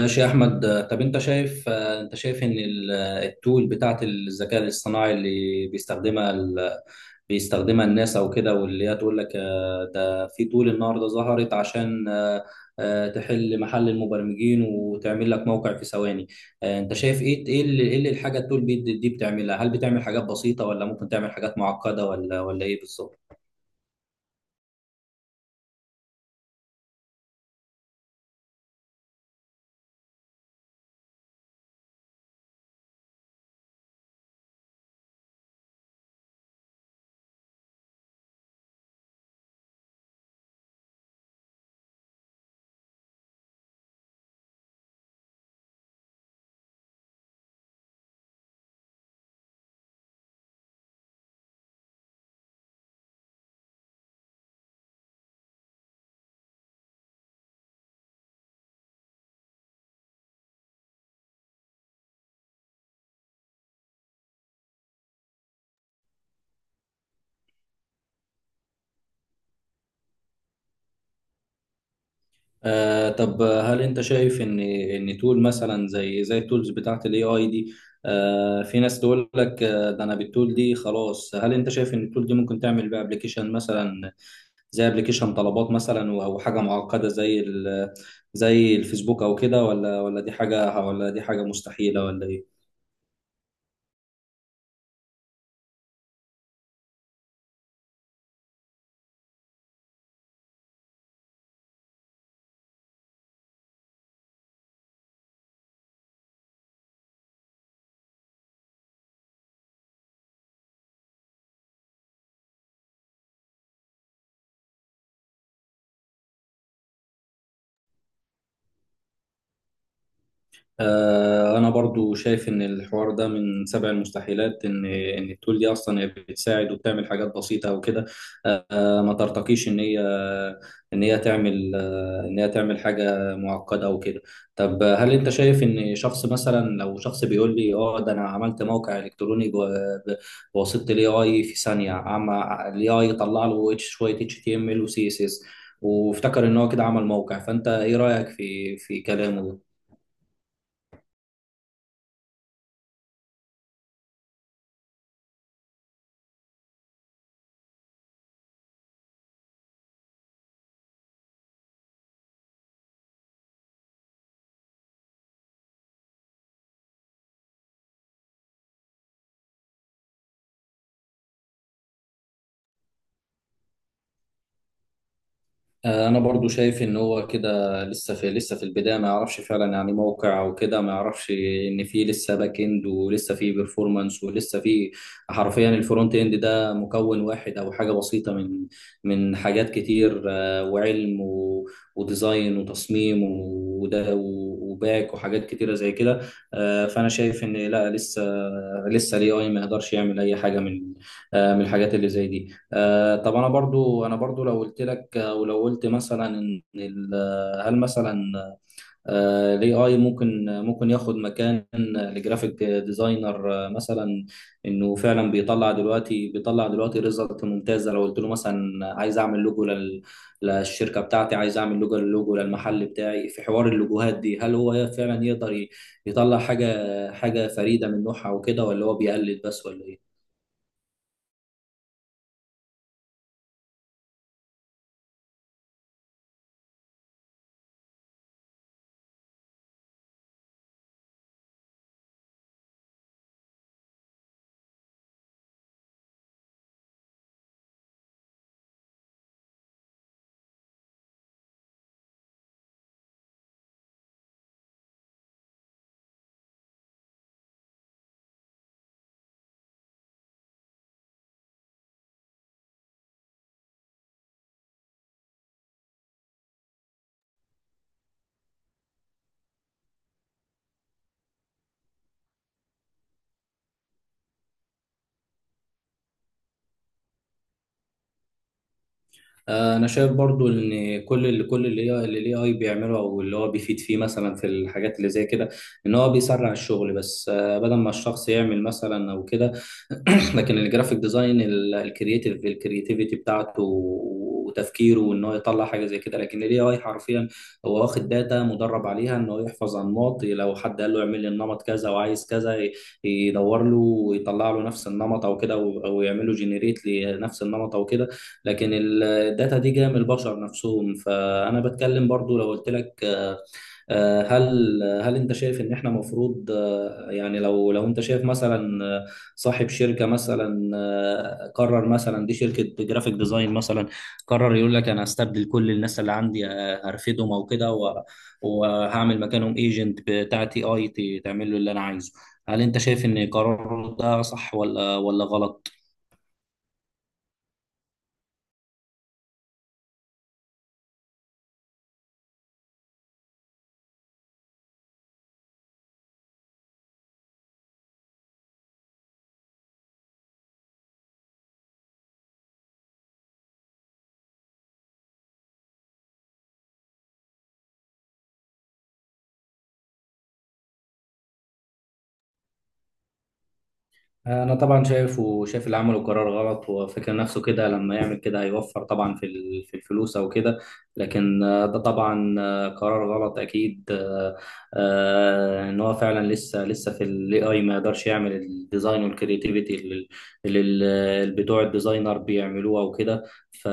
ماشي يا احمد. طب انت شايف، انت شايف ان التول بتاعت الذكاء الاصطناعي اللي بيستخدمها الناس او كده، واللي هي تقول لك ده في تول النهارده ظهرت عشان تحل محل المبرمجين وتعمل لك موقع في ثواني. انت شايف إيه اللي الحاجه التول دي بتعملها؟ هل بتعمل حاجات بسيطه، ولا ممكن تعمل حاجات معقده، ولا ايه بالظبط؟ طب هل انت شايف ان تول مثلا زي التولز بتاعت الاي اي دي؟ في ناس تقول لك ده انا بالتول دي خلاص. هل انت شايف ان التول دي ممكن تعمل بقى ابلكيشن مثلا، زي ابلكيشن طلبات مثلا، او حاجه معقده زي الفيسبوك او كده؟ ولا دي حاجه مستحيله، ولا ايه؟ أنا برضو شايف إن الحوار ده من سبع المستحيلات. إن التول دي أصلا هي بتساعد وبتعمل حاجات بسيطة وكده، ما ترتقيش إن هي إن هي تعمل آه، إن هي تعمل حاجة معقدة أو كده. طب هل أنت شايف إن شخص مثلا، لو شخص بيقول لي ده أنا عملت موقع إلكتروني بواسطة ال AI في ثانية، ال AI يطلع له شوية HTML و CSS، وافتكر إن هو كده عمل موقع؟ فأنت إيه رأيك في كلامه؟ انا برضو شايف ان هو كده لسه في البدايه، ما يعرفش فعلا يعني موقع او كده. ما يعرفش ان في لسه باك اند، ولسه في بيرفورمانس، ولسه في، حرفيا الفرونت اند ده مكون واحد او حاجه بسيطه من حاجات كتير، وعلم، وديزاين وتصميم وده، وباك وحاجات كتيره زي كده. فانا شايف ان لا، لسه الاي اي ما يقدرش يعمل اي حاجه من الحاجات اللي زي دي. طب انا برضو، لو قلت لك آه، ولو قلت مثلا، ان ال- آه، هل مثلا الاي اي ممكن ياخد مكان الجرافيك ديزاينر مثلا؟ انه فعلا بيطلع دلوقتي، ريزلت ممتازه. لو قلت له مثلا عايز اعمل لوجو للشركه بتاعتي، عايز اعمل لوجو، للمحل بتاعي، في حوار اللوجوهات دي، هل هو فعلا يقدر يطلع حاجه، فريده من نوعها وكده، ولا هو بيقلد بس، ولا ايه؟ انا شايف برضو ان كل اللي هي اللي الاي اي بيعمله، او اللي هو بيفيد فيه مثلا في الحاجات اللي زي كده، ان هو بيسرع الشغل بس، بدل ما الشخص يعمل مثلا او كده. لكن الجرافيك ديزاين، الكرياتيفيتي بتاعته وتفكيره، وان هو يطلع حاجه زي كده. لكن الاي اي حرفيا هو واخد داتا مدرب عليها، ان هو يحفظ انماط. لو حد قال له اعمل لي النمط كذا، وعايز كذا، يدور له ويطلع له نفس النمط او كده، او يعمل له جنريت لنفس النمط او كده. لكن الداتا دي جايه من البشر نفسهم. فانا بتكلم برضو، لو قلت لك هل انت شايف ان احنا مفروض، يعني لو انت شايف مثلا صاحب شركه مثلا قرر مثلا، دي شركه جرافيك ديزاين مثلا، قرر يقول لك انا هستبدل كل الناس اللي عندي، هرفدهم او كده، وهعمل مكانهم ايجنت بتاعتي اي تعمل له اللي انا عايزه، هل انت شايف ان قراره ده صح ولا غلط؟ انا طبعا وشايف اللي عمله قرار غلط. هو فاكر نفسه كده، لما يعمل كده هيوفر طبعا في الفلوس او كده. لكن ده طبعا قرار غلط اكيد. ان هو فعلا لسه في الاي اي ما يقدرش يعمل الديزاين والكرياتيفيتي اللي بتوع الديزاينر بيعملوها وكده. ف-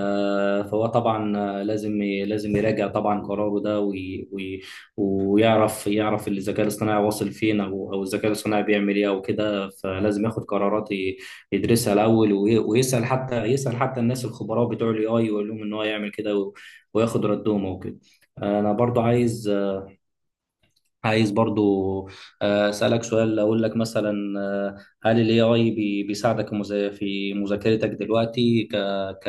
فهو طبعا لازم لازم يراجع طبعا قراره ده، ويعرف الذكاء الاصطناعي واصل فين، او الذكاء الاصطناعي بيعمل ايه او كده. فلازم ياخد قرارات، يدرسها الاول، ويسال حتى الناس الخبراء بتوع الاي اي، ويقول لهم ان هو يعمل كده، وياخد ردهم او كده. انا برضو عايز عايز برضو آه، اسالك سؤال، اقول لك مثلا هل الاي اي بيساعدك في مذاكرتك دلوقتي،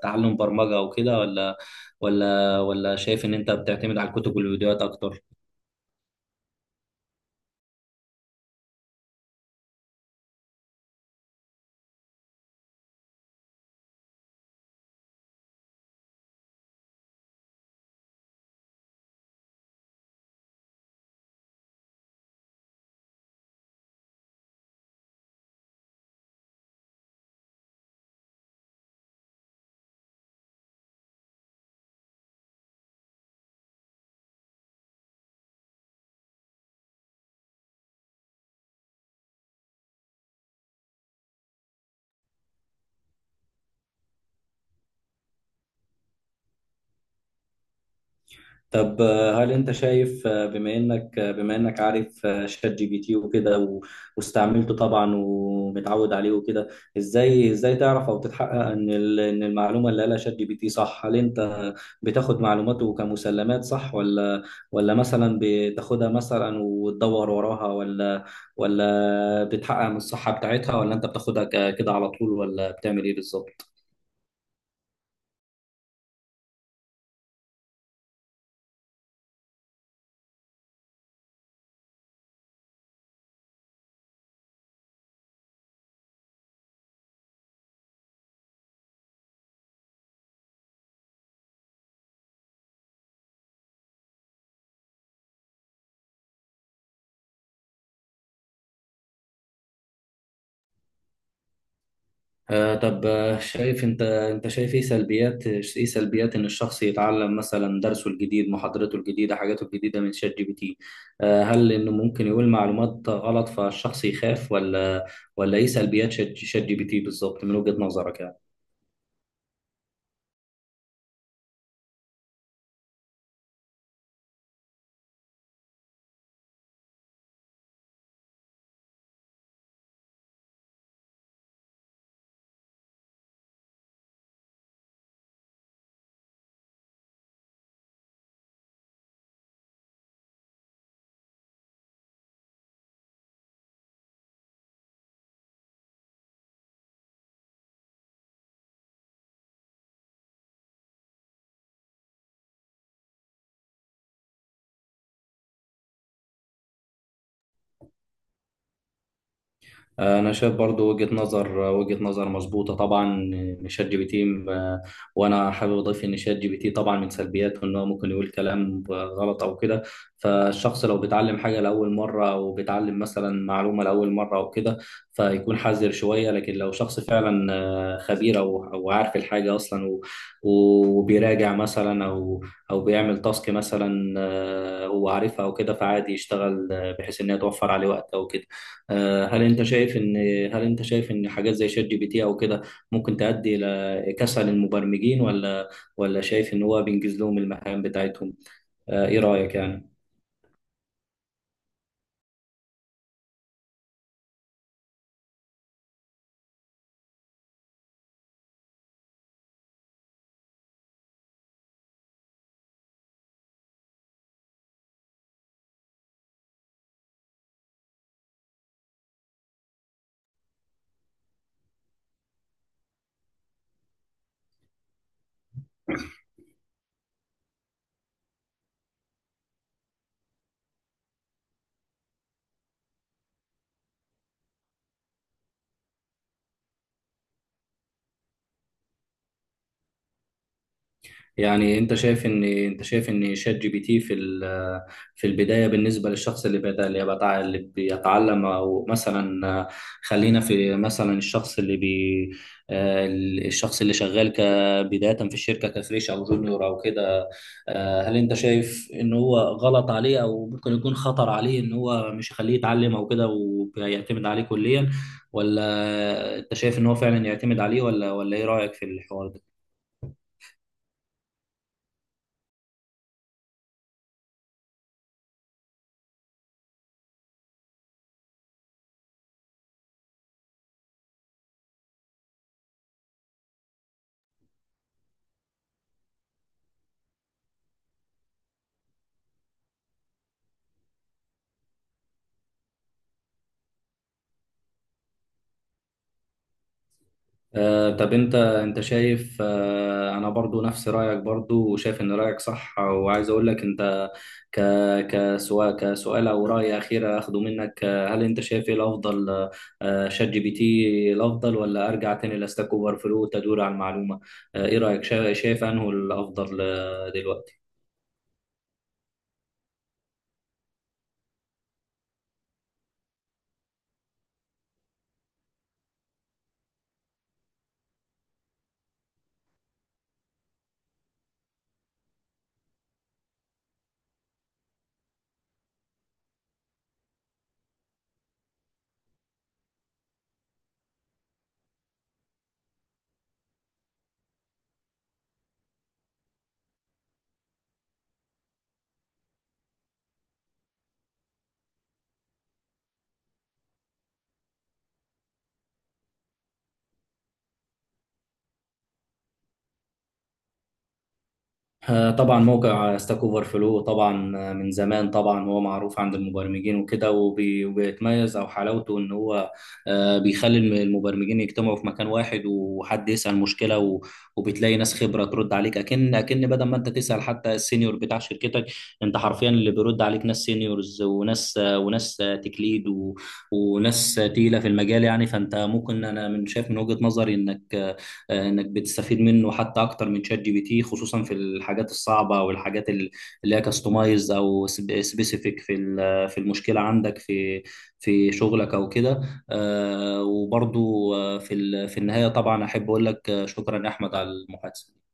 كتعلم برمجة او كده، ولا شايف ان انت بتعتمد على الكتب والفيديوهات اكتر؟ طب هل انت شايف بما انك عارف شات جي بي تي وكده، واستعملته طبعا ومتعود عليه وكده، ازاي تعرف او تتحقق ان المعلومه اللي قالها شات جي بي تي صح؟ هل انت بتاخد معلوماته كمسلمات صح، ولا مثلا بتاخدها مثلا وتدور وراها، ولا بتحقق من الصحه بتاعتها، ولا انت بتاخدها كده على طول، ولا بتعمل ايه بالظبط؟ طب شايف انت انت شايف ايه سلبيات، ان الشخص يتعلم مثلا درسه الجديد، محاضرته الجديدة، حاجاته الجديدة، من شات جي بي تي؟ هل انه ممكن يقول معلومات غلط فالشخص يخاف، ولا ايه سلبيات شات جي بي تي بالظبط من وجهة نظرك يعني؟ انا شايف برضو وجهة نظر، مظبوطة طبعا. شات جي بي تي وانا حابب اضيف ان شات جي بي تي طبعا من سلبياته ان هو ممكن يقول كلام غلط او كده. فالشخص لو بيتعلم حاجة لاول مرة، او بيتعلم مثلا معلومة لاول مرة او كده، فيكون حذر شوية. لكن لو شخص فعلا خبير او عارف الحاجة اصلا، وبيراجع مثلا، او بيعمل تاسك مثلا هو عارفها او كده، فعادي يشتغل بحيث ان هي توفر عليه وقت او كده. آه، هل انت شايف ان هل انت شايف ان حاجات زي شات جي بي تي او كده ممكن تؤدي الى كسل المبرمجين، ولا شايف ان هو بينجز لهم المهام بتاعتهم؟ ايه رأيك يعني؟ يعني انت شايف ان شات جي بي تي في البدايه بالنسبه للشخص اللي بدا، اللي بتاع، اللي بيتعلم، او مثلا خلينا في مثلا آه، الشخص اللي شغال كبدايه في الشركه كفريش او جونيور او كده. هل انت شايف ان هو غلط عليه، او ممكن يكون خطر عليه، ان هو مش يخليه يتعلم او كده ويعتمد عليه كليا؟ ولا انت شايف ان هو فعلا يعتمد عليه، ولا ايه رايك في الحوار ده؟ طب انت شايف انا برضو نفس رايك برضو وشايف ان رايك صح. وعايز اقول لك انت، ك كسؤال، او راي اخير اخده منك، هل انت شايف ايه الافضل؟ شات جي بي تي الافضل، ولا ارجع تاني لاستاك اوفر فلو تدور على المعلومه؟ ايه رايك؟ شايف انه الافضل دلوقتي؟ طبعا موقع ستاك اوفر فلو طبعا من زمان طبعا هو معروف عند المبرمجين وكده، وبيتميز. او حلاوته ان هو بيخلي المبرمجين يجتمعوا في مكان واحد، وحد يسأل مشكلة، وبتلاقي ناس خبرة ترد عليك، اكن اكن بدل ما انت تسأل حتى السينيور بتاع شركتك. انت حرفيا اللي بيرد عليك ناس سينيورز، وناس تكليد، وناس تقيلة في المجال، يعني. فانت ممكن، انا شايف من وجهة نظري انك آه، آه، انك بتستفيد منه حتى اكتر من شات جي بي تي، خصوصا في الحاجات الصعبه، والحاجات اللي هي كاستمايز او سبيسيفيك في المشكله عندك، في شغلك او كده. وبرضو في النهايه طبعا احب اقول لك شكرا يا احمد على المحادثه.